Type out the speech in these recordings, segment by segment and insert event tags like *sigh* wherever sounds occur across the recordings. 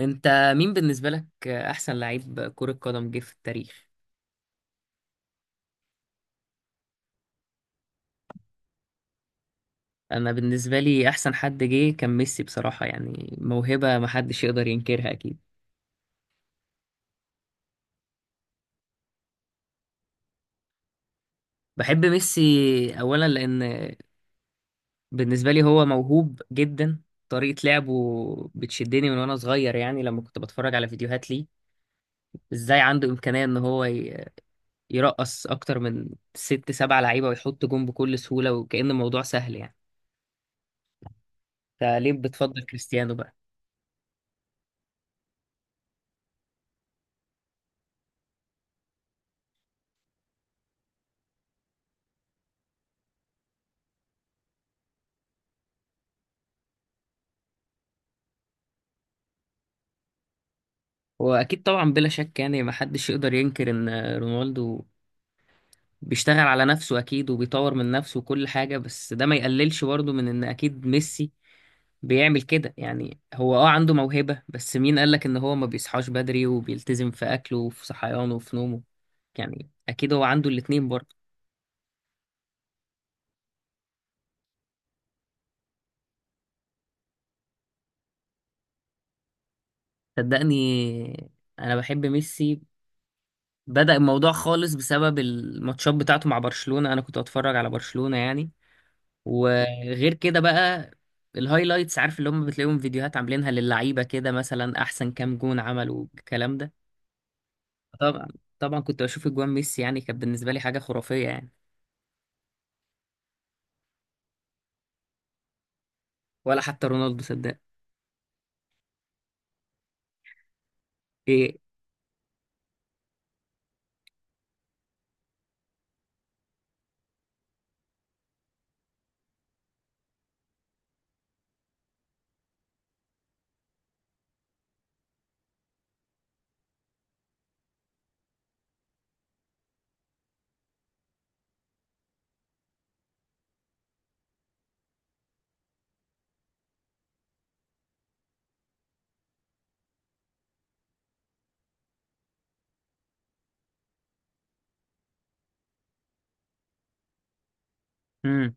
انت مين بالنسبة لك احسن لعيب كرة قدم جه في التاريخ؟ انا بالنسبة لي احسن حد جه كان ميسي، بصراحة يعني موهبة محدش يقدر ينكرها اكيد. بحب ميسي اولا لان بالنسبة لي هو موهوب جدا، طريقة لعبه بتشدني من وانا صغير، يعني لما كنت بتفرج على فيديوهات ليه، ازاي عنده امكانية ان هو يرقص اكتر من ست سبع لعيبة ويحط جون بكل سهولة، وكأن الموضوع سهل يعني. انت ليه بتفضل كريستيانو بقى؟ واكيد طبعا بلا شك، يعني ما حدش يقدر ينكر ان رونالدو بيشتغل على نفسه اكيد وبيطور من نفسه وكل حاجة، بس ده ما يقللش برضه من ان اكيد ميسي بيعمل كده، يعني هو عنده موهبة، بس مين قالك ان هو ما بيصحاش بدري وبيلتزم في اكله وفي صحيانه وفي نومه؟ يعني اكيد هو عنده الاتنين برضه. صدقني انا بحب ميسي، بدأ الموضوع خالص بسبب الماتشات بتاعته مع برشلونة، انا كنت اتفرج على برشلونة يعني. وغير كده بقى الهايلايتس، عارف اللي هم بتلاقيهم فيديوهات عاملينها للعيبة كده، مثلا أحسن كام جون عملوا، الكلام ده. طبعا طبعا كنت بشوف أجوان ميسي، يعني كانت بالنسبة لي حاجة خرافية يعني. ولا حتى رونالدو صدق. إيه؟ مم.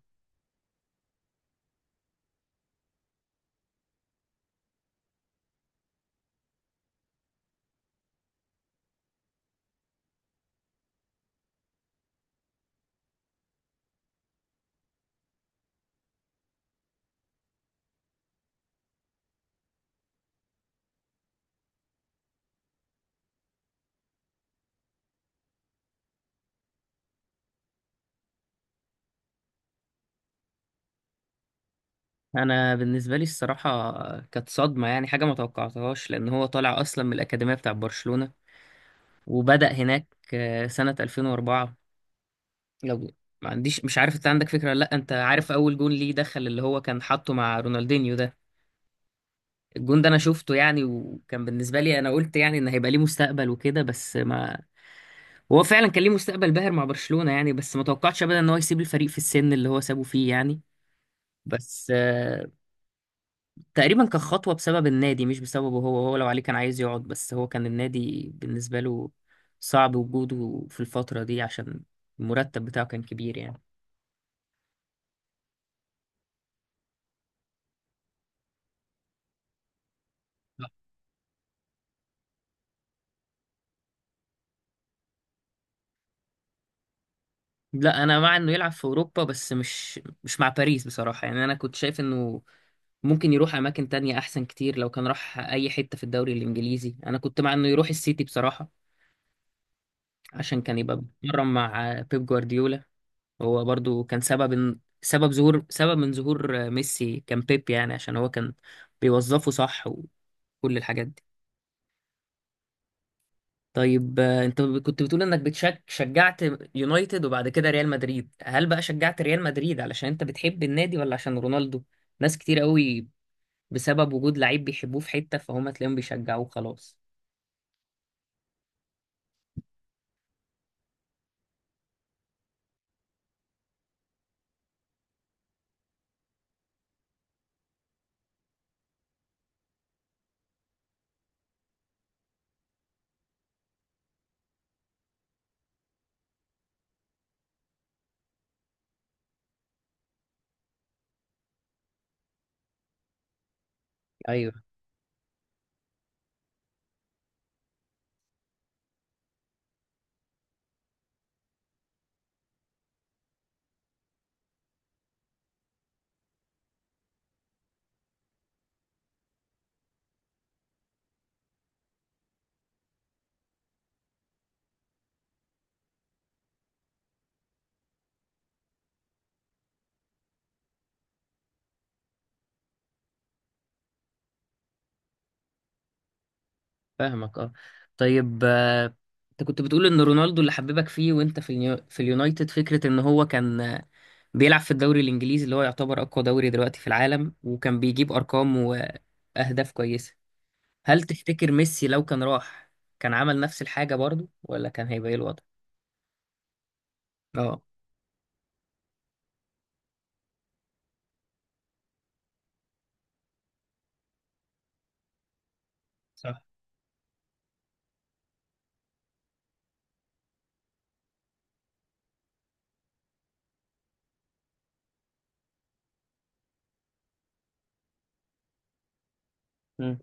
أنا بالنسبة لي الصراحة كانت صدمة، يعني حاجة ما توقعتهاش، لأن هو طالع أصلا من الأكاديمية بتاع برشلونة وبدأ هناك سنة 2004. لو ما عنديش، مش عارف أنت عندك فكرة ولا لأ، أنت عارف أول جون ليه دخل، اللي هو كان حاطه مع رونالدينيو ده؟ الجون ده انا شفته يعني، وكان بالنسبه لي انا قلت يعني ان هيبقى ليه مستقبل وكده، بس ما، هو فعلا كان ليه مستقبل باهر مع برشلونه يعني، بس ما توقعتش ابدا ان هو يسيب الفريق في السن اللي هو سابه فيه يعني. بس تقريبا كان خطوه بسبب النادي مش بسببه هو، هو لو عليه كان عايز يقعد، بس هو كان النادي بالنسبه له صعب وجوده في الفتره دي عشان المرتب بتاعه كان كبير يعني. لا انا مع انه يلعب في اوروبا، بس مش مع باريس بصراحه يعني، انا كنت شايف انه ممكن يروح اماكن تانية احسن كتير. لو كان راح اي حتة في الدوري الانجليزي انا كنت مع انه يروح السيتي بصراحة، عشان كان يبقى بيتمرن مع بيب جوارديولا. هو برضو كان سبب من ظهور ميسي كان بيب، يعني عشان هو كان بيوظفه صح وكل الحاجات دي. طيب انت كنت بتقول انك شجعت يونايتد وبعد كده ريال مدريد، هل بقى شجعت ريال مدريد علشان انت بتحب النادي ولا عشان رونالدو؟ ناس كتير قوي بسبب وجود لعيب بيحبوه في حتة، فهم تلاقيهم بيشجعوه خلاص. ايوه، فاهمك، اه. طيب انت كنت بتقول ان رونالدو اللي حببك فيه وانت في اليونايتد، فكره ان هو كان بيلعب في الدوري الانجليزي اللي هو يعتبر اقوى دوري دلوقتي في العالم، وكان بيجيب ارقام واهداف كويسه. هل تفتكر ميسي لو كان راح كان عمل نفس الحاجه برضو ولا كان هيبقى ايه الوضع؟ اه، صح. مم.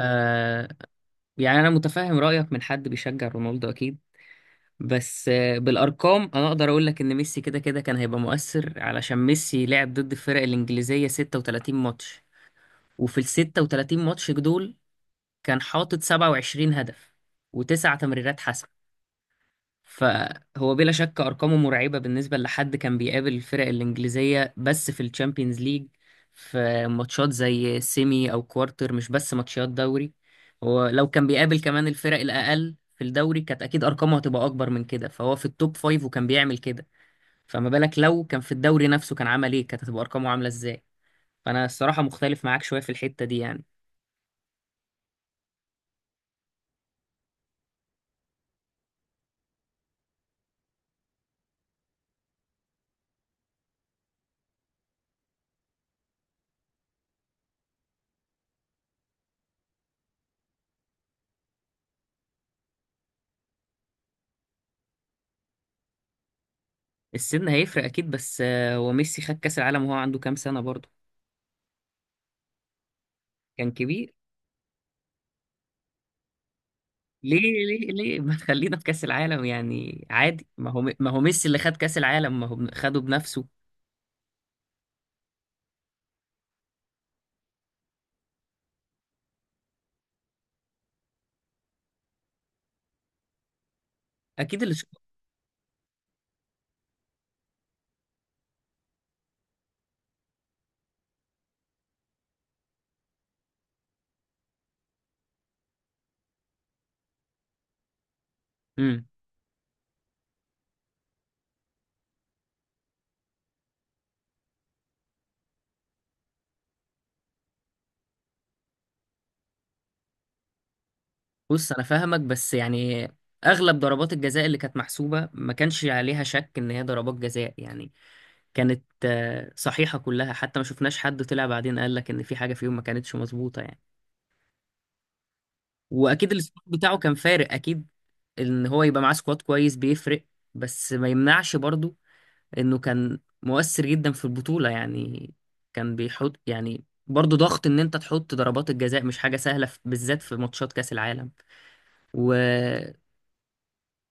آه يعني انا متفهم رايك من حد بيشجع رونالدو اكيد، بس بالارقام انا اقدر اقول لك ان ميسي كده كده كان هيبقى مؤثر، علشان ميسي لعب ضد الفرق الانجليزيه 36 ماتش، وفي ال 36 ماتش دول كان حاطط 27 هدف و9 تمريرات حسم. فهو بلا شك ارقامه مرعبه، بالنسبه لحد كان بيقابل الفرق الانجليزيه بس في الشامبيونز ليج، في ماتشات زي سيمي او كوارتر، مش بس ماتشات دوري. هو لو كان بيقابل كمان الفرق الاقل في الدوري كانت اكيد ارقامه هتبقى اكبر من كده، فهو في التوب فايف وكان بيعمل كده، فما بالك لو كان في الدوري نفسه، كان عمل ايه؟ كانت هتبقى ارقامه عامله ازاي؟ فانا الصراحه مختلف معاك شويه في الحته دي يعني. السن هيفرق اكيد، بس هو ميسي خد كاس العالم وهو عنده كام سنه برضه؟ كان كبير. ليه؟ ليه ليه *laughs* ما تخلينا في كأس العالم يعني؟ عادي، ما هو ميسي اللي خد كأس العالم، ما هو خده بنفسه. اكيد اللي شاط. امم بص انا فاهمك، بس يعني اغلب ضربات الجزاء اللي كانت محسوبة ما كانش عليها شك ان هي ضربات جزاء يعني، كانت صحيحة كلها، حتى ما شفناش حد طلع بعدين قال لك ان في حاجة فيهم ما كانتش مظبوطة يعني. واكيد السكواد بتاعه كان فارق اكيد، ان هو يبقى معاه سكواد كويس بيفرق، بس ما يمنعش برضو انه كان مؤثر جدا في البطولة يعني، كان بيحط يعني برضه ضغط، ان انت تحط ضربات الجزاء مش حاجة سهلة، بالذات في ماتشات كأس العالم. و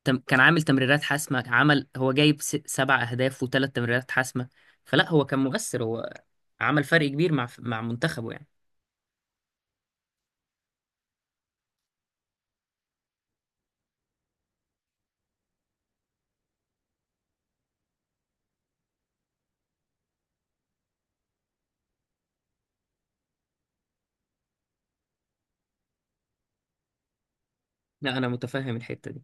كان عامل تمريرات حاسمة، عمل، هو جايب 7 اهداف و3 تمريرات حاسمة. فلا، هو كان مؤثر، هو عمل فرق كبير مع منتخبه يعني. لا انا متفهم الحتة دي.